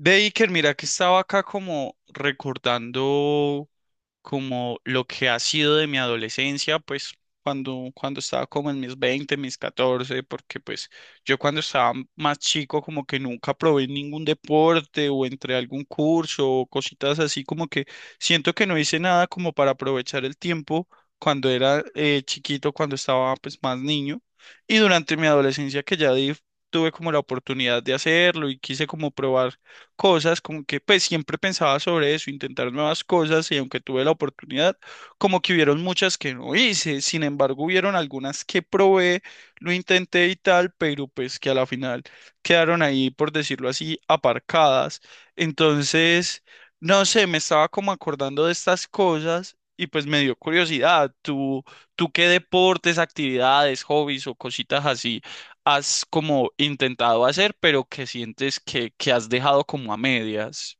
Ve, Iker, mira que estaba acá como recordando como lo que ha sido de mi adolescencia, pues cuando estaba como en mis 20, mis 14, porque pues yo cuando estaba más chico como que nunca probé ningún deporte o entré a algún curso o cositas así, como que siento que no hice nada como para aprovechar el tiempo cuando era chiquito, cuando estaba pues más niño y durante mi adolescencia que ya tuve como la oportunidad de hacerlo y quise como probar cosas, como que pues siempre pensaba sobre eso, intentar nuevas cosas y aunque tuve la oportunidad, como que hubieron muchas que no hice, sin embargo hubieron algunas que probé, lo intenté y tal, pero pues que a la final quedaron ahí, por decirlo así, aparcadas. Entonces, no sé, me estaba como acordando de estas cosas. Y pues me dio curiosidad, ¿tú, tú qué deportes, actividades, hobbies o cositas así has como intentado hacer, pero que sientes que has dejado como a medias?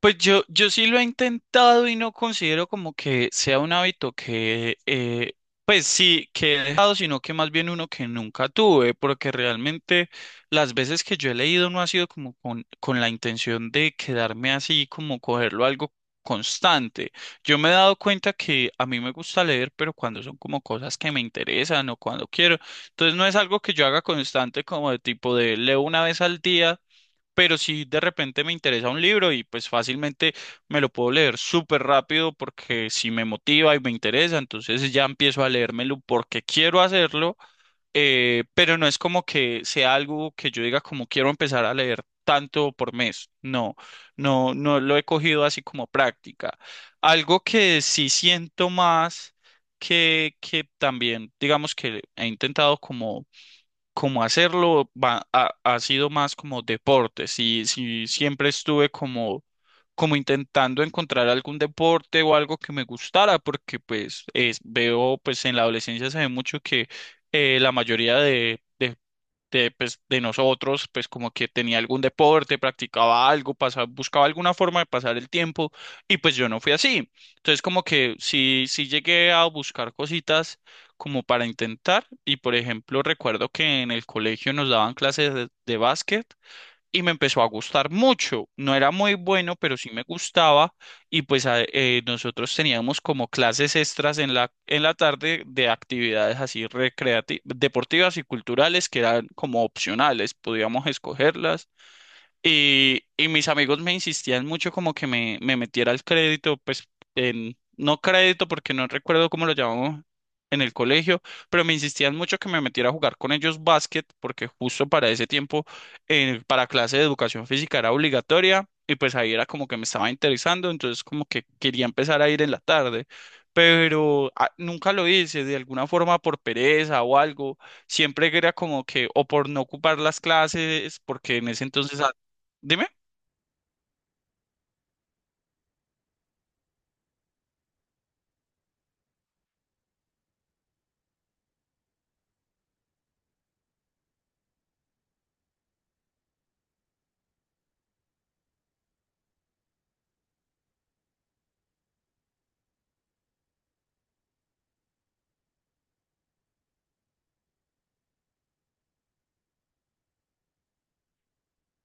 Pues yo sí lo he intentado y no considero como que sea un hábito que, pues sí, que he dejado, sino que más bien uno que nunca tuve, porque realmente las veces que yo he leído no ha sido como con la intención de quedarme así, como cogerlo algo constante. Yo me he dado cuenta que a mí me gusta leer, pero cuando son como cosas que me interesan o cuando quiero. Entonces no es algo que yo haga constante como de tipo de leo una vez al día, pero si de repente me interesa un libro y pues fácilmente me lo puedo leer súper rápido porque si me motiva y me interesa, entonces ya empiezo a leérmelo porque quiero hacerlo, pero no es como que sea algo que yo diga como quiero empezar a leer tanto por mes, no, no lo he cogido así como práctica. Algo que sí siento más que también, digamos que he intentado como cómo hacerlo, ha sido más como deporte. Si, si siempre estuve como, como intentando encontrar algún deporte o algo que me gustara, porque pues es, veo, pues en la adolescencia se ve mucho que la mayoría de pues, de nosotros, pues como que tenía algún deporte, practicaba algo, pasaba, buscaba alguna forma de pasar el tiempo y pues yo no fui así. Entonces como que sí, sí llegué a buscar cositas como para intentar y por ejemplo recuerdo que en el colegio nos daban clases de básquet y me empezó a gustar mucho. No era muy bueno, pero sí me gustaba y pues nosotros teníamos como clases extras en la tarde de actividades así recreativas, deportivas y culturales que eran como opcionales, podíamos escogerlas y mis amigos me insistían mucho como que me metiera al crédito, pues en, no crédito porque no recuerdo cómo lo llamamos en el colegio, pero me insistían mucho que me metiera a jugar con ellos básquet porque justo para ese tiempo para clase de educación física era obligatoria y pues ahí era como que me estaba interesando, entonces como que quería empezar a ir en la tarde, pero nunca lo hice de alguna forma por pereza o algo siempre era como que o por no ocupar las clases, porque en ese entonces… Dime.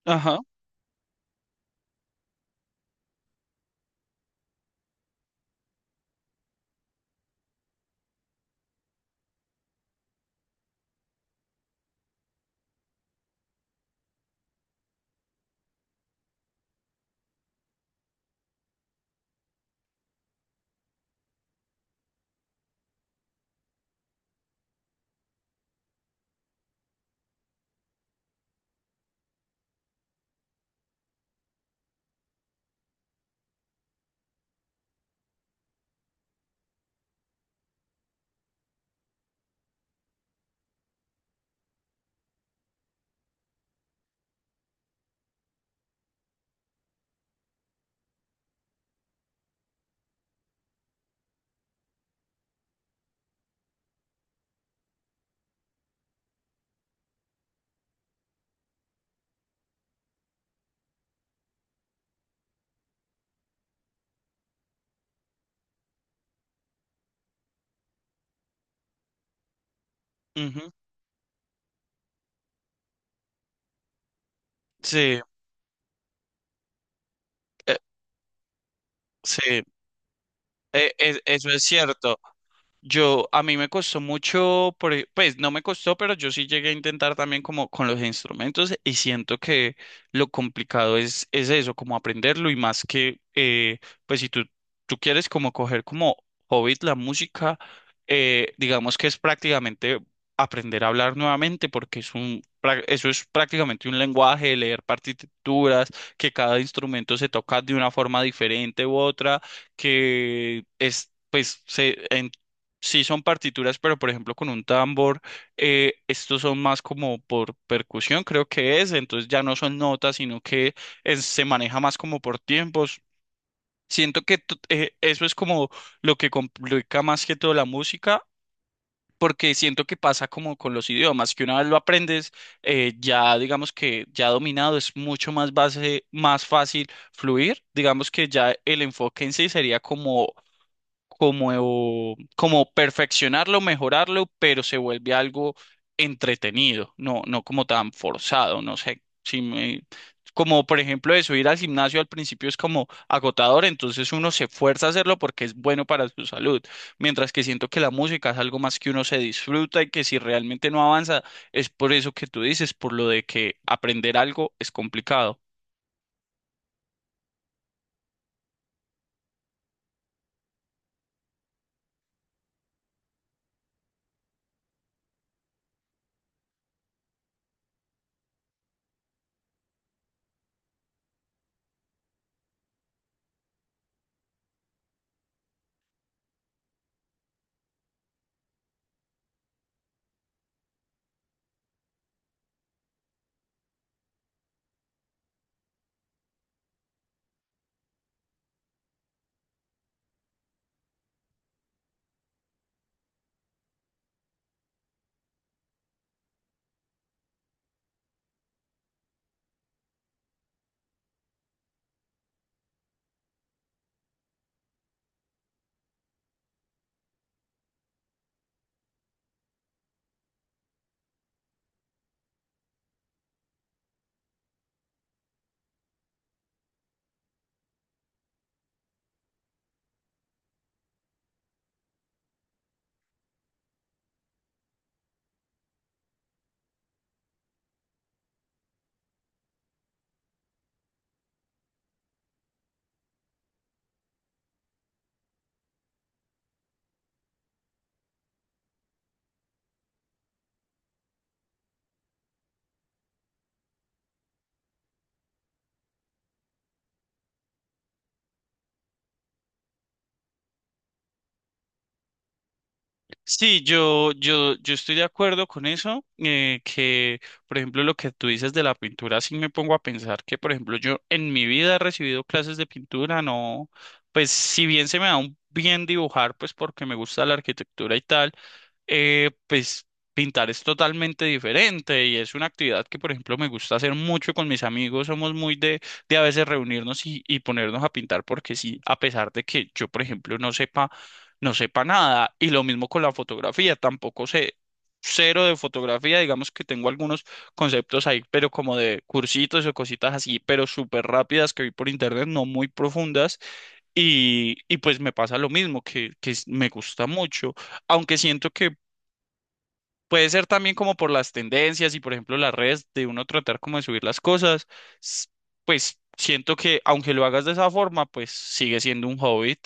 Ajá. Ujú. Sí, eh, sí. Eso es cierto. Yo, a mí me costó mucho, pues no me costó, pero yo sí llegué a intentar también como con los instrumentos y siento que lo complicado es eso, como aprenderlo y más que, pues si tú, tú quieres como coger como hobby la música, digamos que es prácticamente aprender a hablar nuevamente porque es un, eso es prácticamente un lenguaje, leer partituras, que cada instrumento se toca de una forma diferente u otra que es, pues, se, en- Sí, son partituras, pero por ejemplo con un tambor, estos son más como por percusión, creo que es, entonces ya no son notas, sino que se maneja más como por tiempos. Siento que eso es como lo que complica más que todo la música, porque siento que pasa como con los idiomas, que una vez lo aprendes, ya digamos que ya dominado es mucho más base, más fácil fluir, digamos que ya el enfoque en sí sería como como, como perfeccionarlo, mejorarlo, pero se vuelve algo entretenido, no, no como tan forzado, no sé, si me- como por ejemplo eso, ir al gimnasio al principio es como agotador, entonces uno se fuerza a hacerlo porque es bueno para su salud, mientras que siento que la música es algo más que uno se disfruta y que si realmente no avanza, es por eso que tú dices, por lo de que aprender algo es complicado. Sí, yo estoy de acuerdo con eso, que por ejemplo lo que tú dices de la pintura, sí me pongo a pensar que por ejemplo yo en mi vida he recibido clases de pintura, no, pues si bien se me da un bien dibujar, pues porque me gusta la arquitectura y tal, pues pintar es totalmente diferente y es una actividad que, por ejemplo, me gusta hacer mucho con mis amigos. Somos muy de a veces reunirnos y ponernos a pintar porque sí, a pesar de que yo, por ejemplo, no sepa nada. Y lo mismo con la fotografía, tampoco sé cero de fotografía, digamos que tengo algunos conceptos ahí, pero como de cursitos o cositas así, pero súper rápidas que vi por internet, no muy profundas. Y pues me pasa lo mismo, que me gusta mucho, aunque siento que… Puede ser también como por las tendencias y por ejemplo las redes de uno tratar como de subir las cosas, s- pues siento que aunque lo hagas de esa forma, pues sigue siendo un hobby.